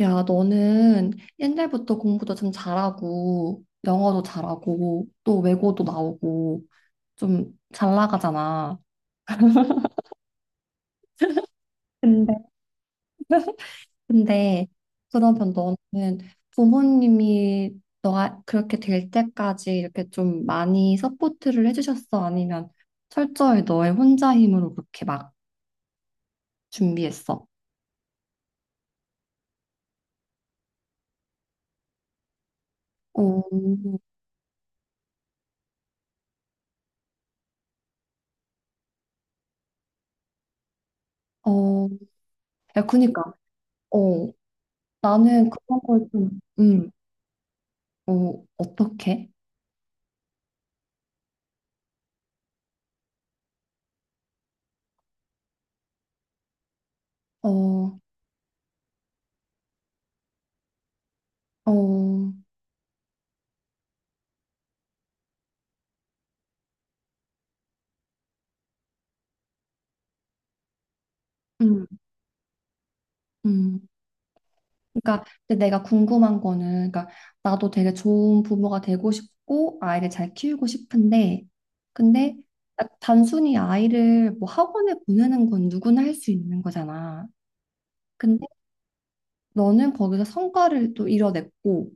야, 너는 옛날부터 공부도 좀 잘하고, 영어도 잘하고, 또 외고도 나오고, 좀 잘 나가잖아. 근데 근데 그러면 너는 부모님이 너가 그렇게 될 때까지 이렇게 좀 많이 서포트를 해주셨어? 아니면 철저히 너의 혼자 힘으로 그렇게 막 준비했어? 어, 어, 야, 그니까, 어, 나는 그런 걸 좀, 어, 어떻게? 어, 어, 음, 음. 그러니까 근데 내가 궁금한 거는, 그러니까 나도 되게 좋은 부모가 되고 싶고 아이를 잘 키우고 싶은데, 근데 딱 단순히 아이를 뭐 학원에 보내는 건 누구나 할 수 있는 거잖아. 근데 너는 거기서 성과를 또 이뤄냈고,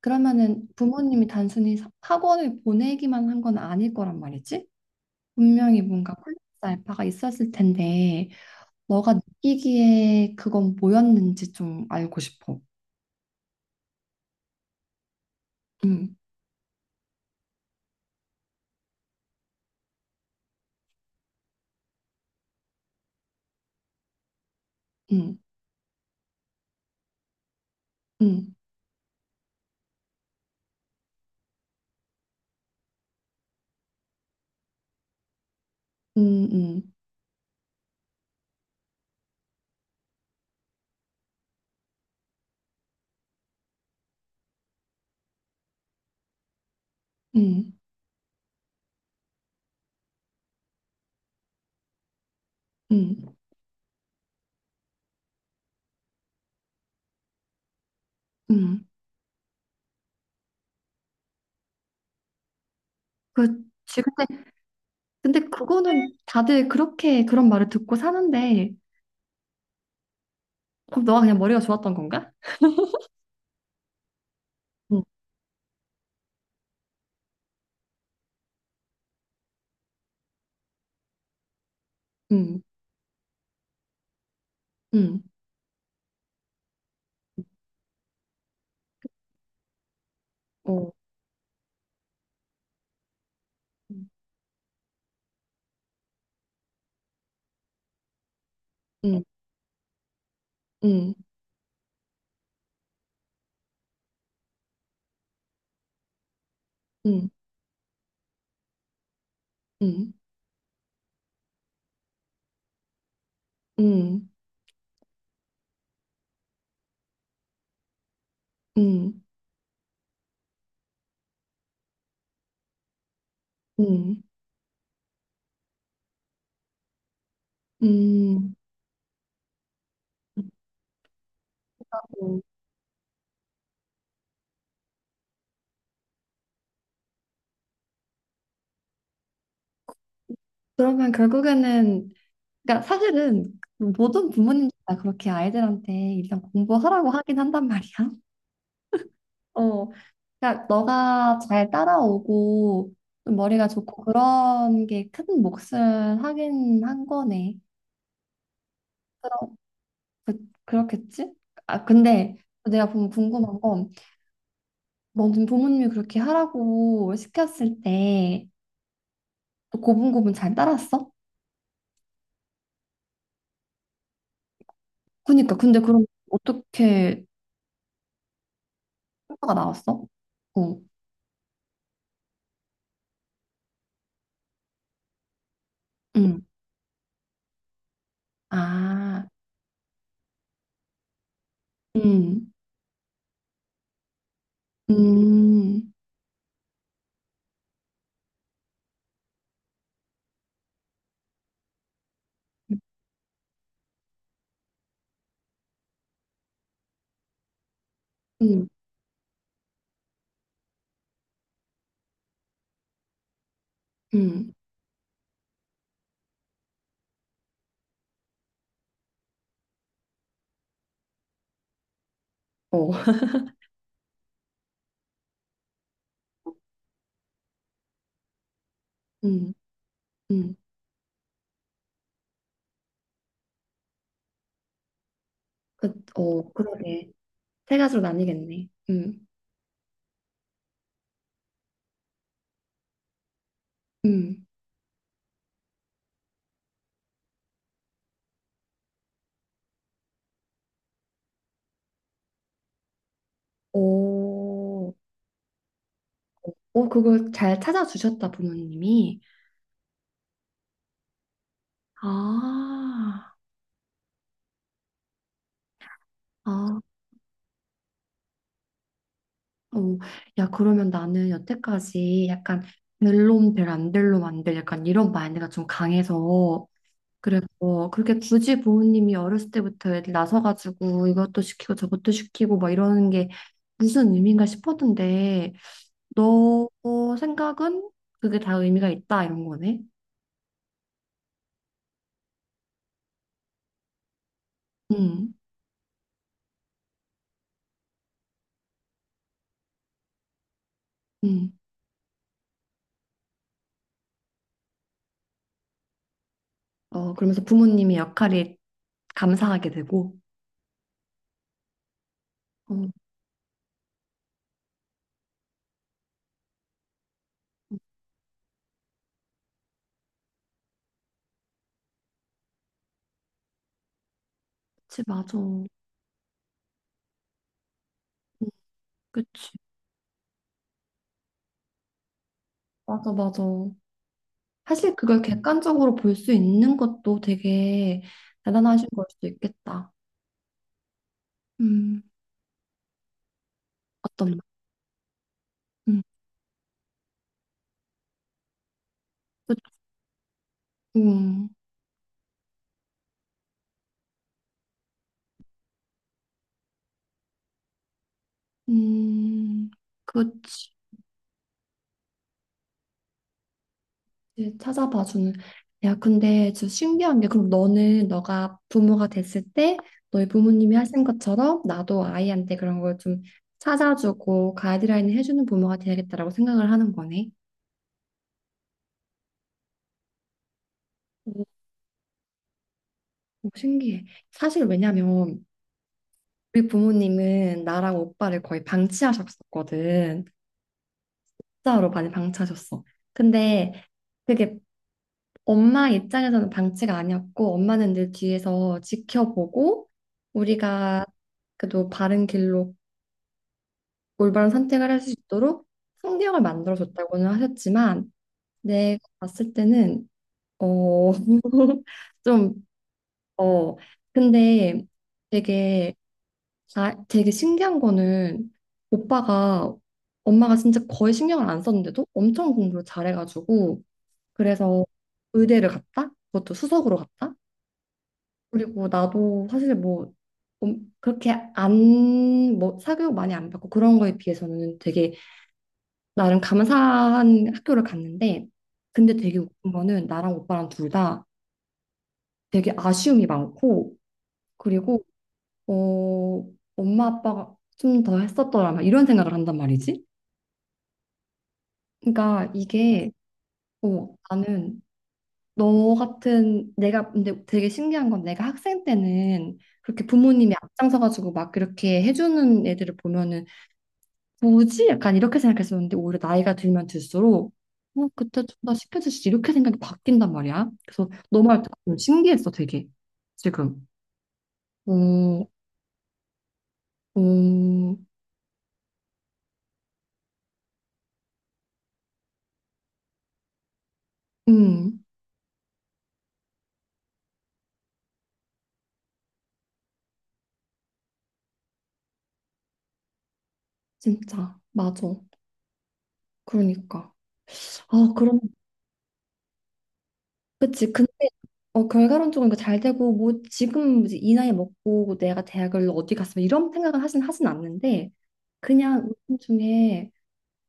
그러면은 부모님이 단순히 학원을 보내기만 한 건 아닐 거란 말이지? 분명히 뭔가 플러스 알파가 있었을 텐데, 너가 느끼기에 그건 뭐였는지 좀 알고 싶어. 음, 음, 음, 음, 음, 음, 음, 음. 그치. 근데, 근데 그거는 다들 그렇게 그런 말을 듣고 사는데, 그럼 너가 그냥 머리가 좋았던 건가? 음, 음, 음, 어, 음, 음, 음, 음, 음, 음, 음, 음, 음. 어, 그러면 결국에는, 그러니까 사실은 모든 부모님들 다 그렇게 아이들한테 일단 공부하라고 하긴 한단 말이야. 어, 그러니까 너가 잘 따라오고 좀 머리가 좋고 그런 게 큰 몫을 하긴 한 거네. 그럼 그, 그렇겠지? 아 근데 내가 보면 궁금한 건 너는 부모님이 그렇게 하라고 시켰을 때 고분고분 잘 따랐어? 그니까 근데 그럼 어떻게 효과가 나왔어? 어, 응, 아, 응, 음, 응, 응, 어. 응, 응, 그, 어, 그러게. 세 가지로 나뉘겠네. 음. 오, 오, 그걸 잘 찾아주셨다, 부모님이. 아, 아, 오. 야, 그러면 나는 여태까지 약간 될놈 될, 안 될놈 안 될, 약간 이런 마인드가 좀 강해서. 그래서 그렇게 굳이 부모님이 어렸을 때부터 애들 나서가지고 이것도 시키고 저것도 시키고 막 이러는 게 무슨 의미인가 싶었는데, 너 생각은 그게 다 의미가 있다, 이런 거네. 음, 음. 어, 그러면서 부모님의 역할이 감사하게 되고. 어, 그치, 맞아. 응, 그치. 맞아, 맞아. 사실 그걸 객관적으로 볼 수 있는 것도 되게 대단하신 걸 수도 있겠다. 음, 어떤 말? 음, 그치. 음, 음, 그치. 이제 찾아봐 주는. 야, 근데 저 신기한 게 그럼 너는 너가 부모가 됐을 때 너희 부모님이 하신 것처럼 나도 아이한테 그런 걸 좀 찾아주고 가이드라인을 해주는 부모가 돼야겠다라고 생각을 하는 거네. 오, 오, 신기해. 사실 왜냐면 우리 부모님은 나랑 오빠를 거의 방치하셨었거든. 진짜로 많이 방치하셨어. 근데 그게 엄마 입장에서는 방치가 아니었고 엄마는 늘 뒤에서 지켜보고 우리가 그래도 바른 길로 올바른 선택을 할 수 있도록 환경을 만들어 줬다고는 하셨지만 내가 봤을 때는 어 좀 어 근데 되게 아, 되게 신기한 거는 오빠가 엄마가 진짜 거의 신경을 안 썼는데도 엄청 공부를 잘해가지고 그래서 의대를 갔다 그것도 수석으로 갔다. 그리고 나도 사실 뭐 그렇게 안, 뭐 사교육 많이 안 받고 그런 거에 비해서는 되게 나름 감사한 학교를 갔는데 근데 되게 웃긴 거는 나랑 오빠랑 둘다 되게 아쉬움이 많고 그리고 어, 엄마 아빠가 좀 더 했었더라면 이런 생각을 한단 말이지. 그러니까 이게 어, 나는 너 같은 내가 근데 되게 신기한 건 내가 학생 때는 그렇게 부모님이 앞장서 가지고 막 그렇게 해주는 애들을 보면은 뭐지? 약간 이렇게 생각했었는데 오히려 나이가 들면 들수록 어, 그때 좀 더 시켜주시지 이렇게 생각이 바뀐단 말이야. 그래서 너 말 듣고 좀 신기했어 되게 지금. 오, 오, 음, 진짜 맞아. 그러니까. 아 그럼 그치. 근데 어 결과론적으로 잘 되고 뭐 지금 이제 이 나이 먹고 뭐 내가 대학을 어디 갔으면 이런 생각을 하진 않는데 그냥 요즘 중에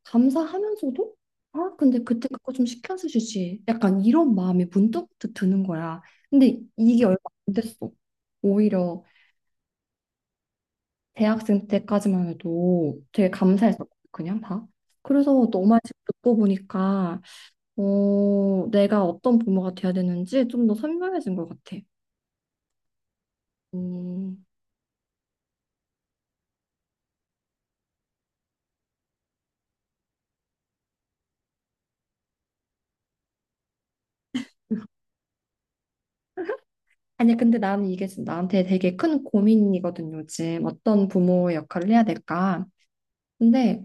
감사하면서도 아 근데 그때 그거 좀 시켜서 주지 약간 이런 마음이 문득 드는 거야 근데 이게 얼마 안 됐어 오히려 대학생 때까지만 해도 되게 감사했서 그냥 다 그래서 너 말 지금 듣고 보니까 어 내가 어떤 부모가 돼야 되는지 좀 더 선명해진 것 같아 음 아니 근데 나는 이게 지금 나한테 되게 큰 고민이거든 요즘 어떤 부모의 역할을 해야 될까 근데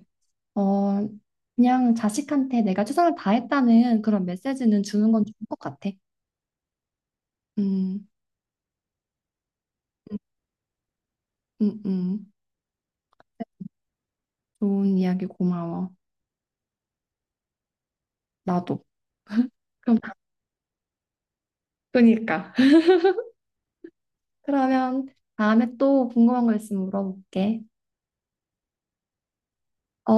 어, 그냥 자식한테 내가 최선을 다했다는 그런 메시지는 주는 건 좋을 것 같아. 음, 음, 음. 좋은 이야기 고마워. 나도. 그럼, 그러니까. 그러면 다음에 또 궁금한 거 있으면 물어볼게. 어.